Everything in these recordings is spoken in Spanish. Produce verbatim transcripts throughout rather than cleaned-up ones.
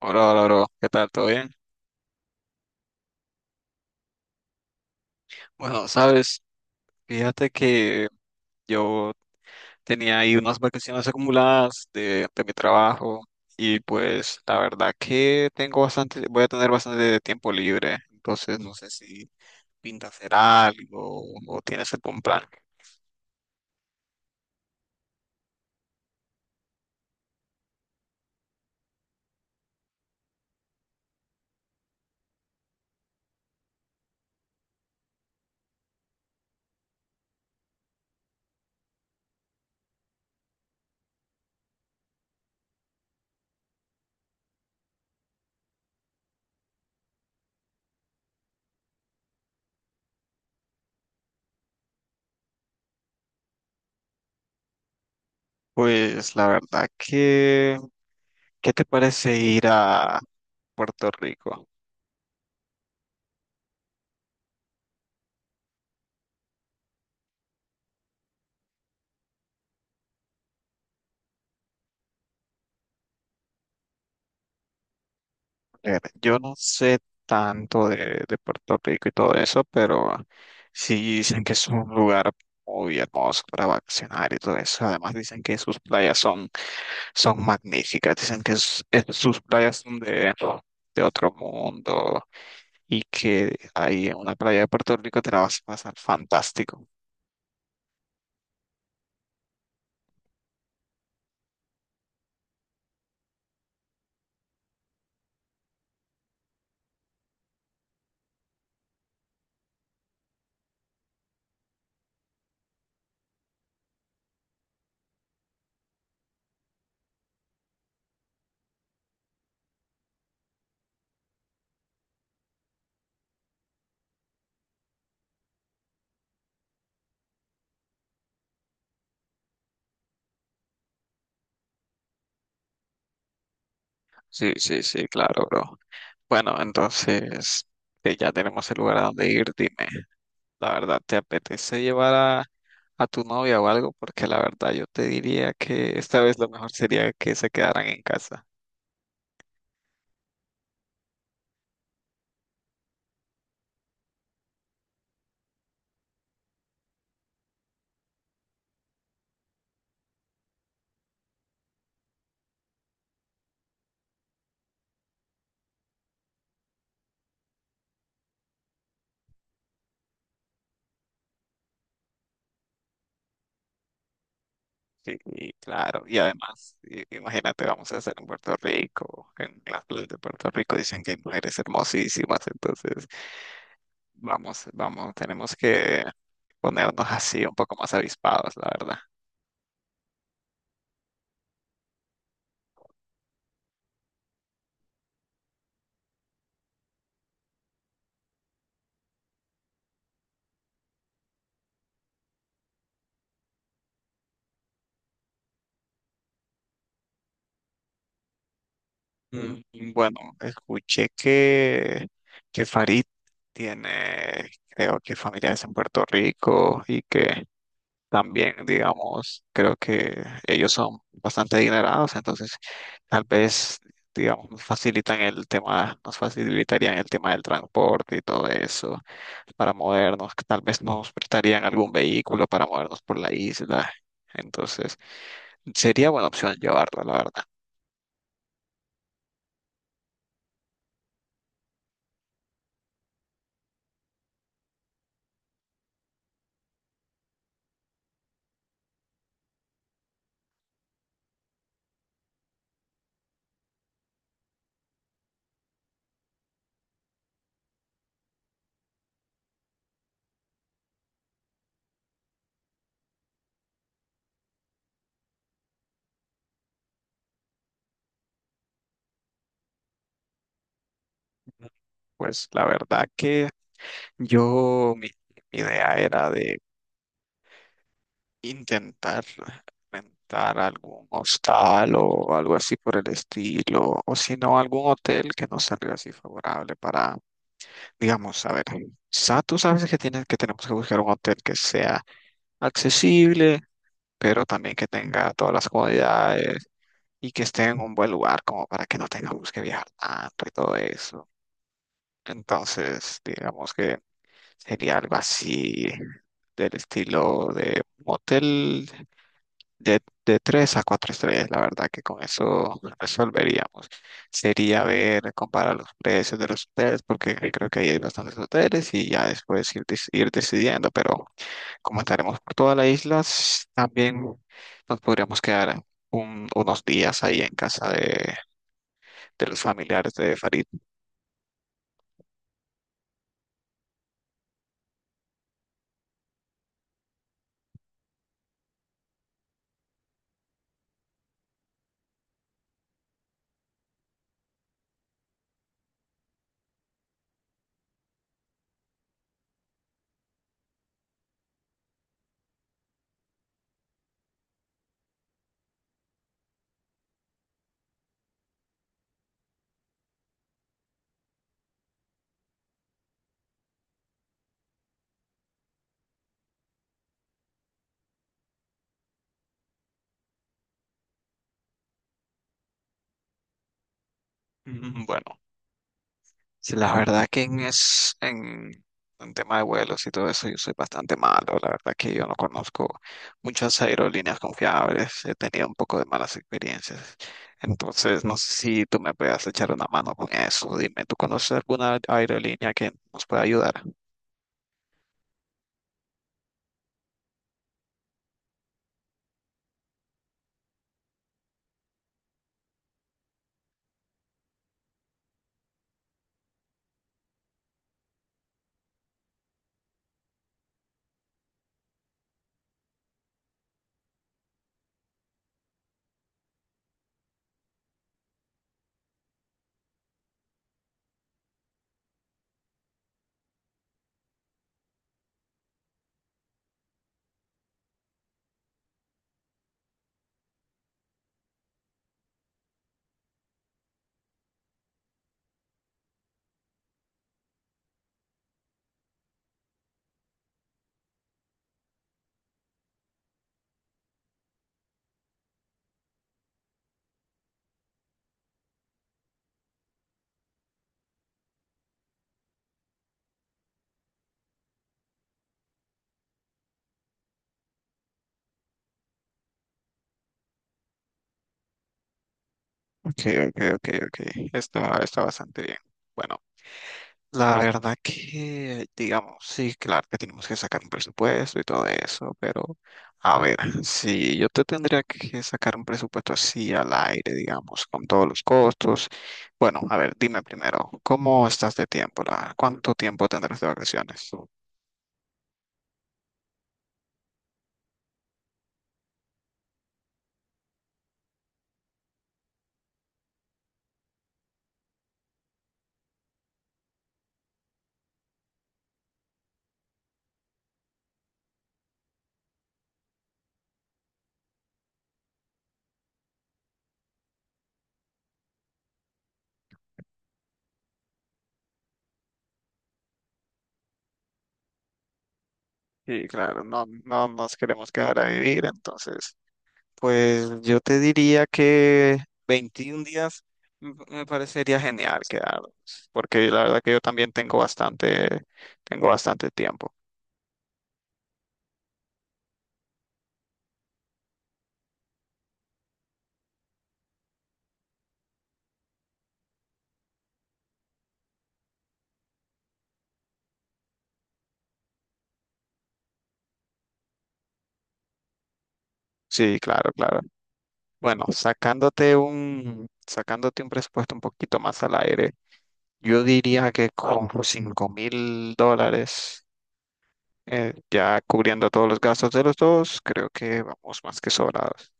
Hola, hola, bro. ¿Qué tal? ¿Todo bien? Bueno, sabes, fíjate que yo tenía ahí unas vacaciones acumuladas de, de mi trabajo y pues la verdad que tengo bastante, voy a tener bastante tiempo libre, entonces no sé si pinta hacer algo o tienes algún plan. Pues la verdad que, ¿qué te parece ir a Puerto Rico? Eh, Yo no sé tanto de, de Puerto Rico y todo eso, pero sí dicen que es un lugar muy hermoso para vacacionar y todo eso. Además dicen que sus playas son, son magníficas, dicen que es- es- sus playas son de, de otro mundo y que ahí en una playa de Puerto Rico te la vas a pasar fantástico. Sí, sí, sí, claro, bro. Bueno, entonces que ya tenemos el lugar a donde ir, dime, la verdad, ¿te apetece llevar a, a tu novia o algo? Porque la verdad yo te diría que esta vez lo mejor sería que se quedaran en casa. Sí, y claro, y además, i- imagínate, vamos a hacer en Puerto Rico, en las playas de Puerto Rico dicen que hay mujeres hermosísimas, entonces vamos, vamos, tenemos que ponernos así un poco más avispados, la verdad. Mm, Bueno, escuché que, que Farid tiene, creo que familiares en Puerto Rico y que también, digamos, creo que ellos son bastante adinerados, entonces tal vez, digamos, nos facilitan el tema, nos facilitarían el tema del transporte y todo eso para movernos, que tal vez nos prestarían algún vehículo para movernos por la isla. Entonces, sería buena opción llevarla, la verdad. Pues la verdad que yo, mi, mi idea era de intentar rentar algún hostal o algo así por el estilo, o si no, algún hotel que nos salga así favorable para, digamos, a ver, sa- tú sabes que tienes que tenemos que buscar un hotel que sea accesible, pero también que tenga todas las comodidades y que esté en un buen lugar como para que no tengamos que viajar tanto y todo eso. Entonces, digamos que sería algo así del estilo de motel De, de tres a cuatro estrellas, la verdad que con eso resolveríamos. Sería ver, comparar los precios de los hoteles, porque creo que ahí hay bastantes hoteles y ya después ir, dec- ir decidiendo, pero como estaremos por toda la isla, s- también nos podríamos quedar un- unos días ahí en casa de, de los familiares de Farid. Mm, Bueno, Sí, la verdad que en, es, en, en tema de vuelos y todo eso yo soy bastante malo. La verdad que yo no conozco muchas aerolíneas confiables. He tenido un poco de malas experiencias. Entonces, no sé si tú me puedas echar una mano con eso. Dime, ¿tú conoces alguna aerolínea que nos pueda ayudar? Ok, ok, ok, ok. Está, está bastante bien. Bueno. La verdad que, digamos, sí, claro que tenemos que sacar un presupuesto y todo eso, pero a ver, si yo te tendría que sacar un presupuesto así al aire, digamos, con todos los costos. Bueno, a ver, dime primero, ¿cómo estás de tiempo? la- ¿Cuánto tiempo tendrás de vacaciones? Sí, claro, no, no nos queremos quedar a vivir, entonces pues yo te diría que veintiún días me me parecería genial quedarnos, porque la verdad que yo también tengo bastante, tengo bastante tiempo. Sí, claro, claro. Bueno, sacándote un, sacándote un presupuesto un poquito más al aire, yo diría que con cinco mil dólares, eh, ya cubriendo todos los gastos de los dos, creo que vamos más que sobrados.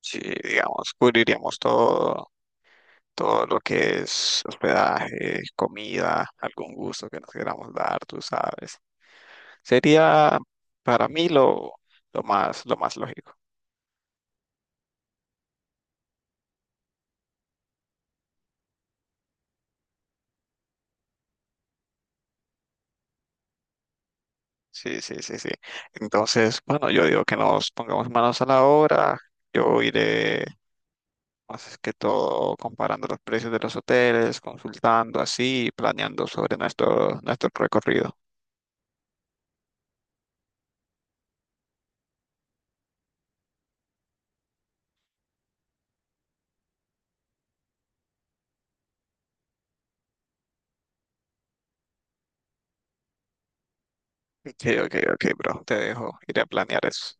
Sí, digamos, cubriríamos todo, todo lo que es hospedaje, comida, algún gusto que nos queramos dar, tú sabes. Sería para mí lo, lo más, lo más lógico. Sí, sí, sí, sí. Entonces, bueno, yo digo que nos pongamos manos a la obra. Yo iré, más que todo, comparando los precios de los hoteles, consultando así, planeando sobre nuestro, nuestro recorrido. Ok, ok, ok, bro, te dejo, iré a planear eso.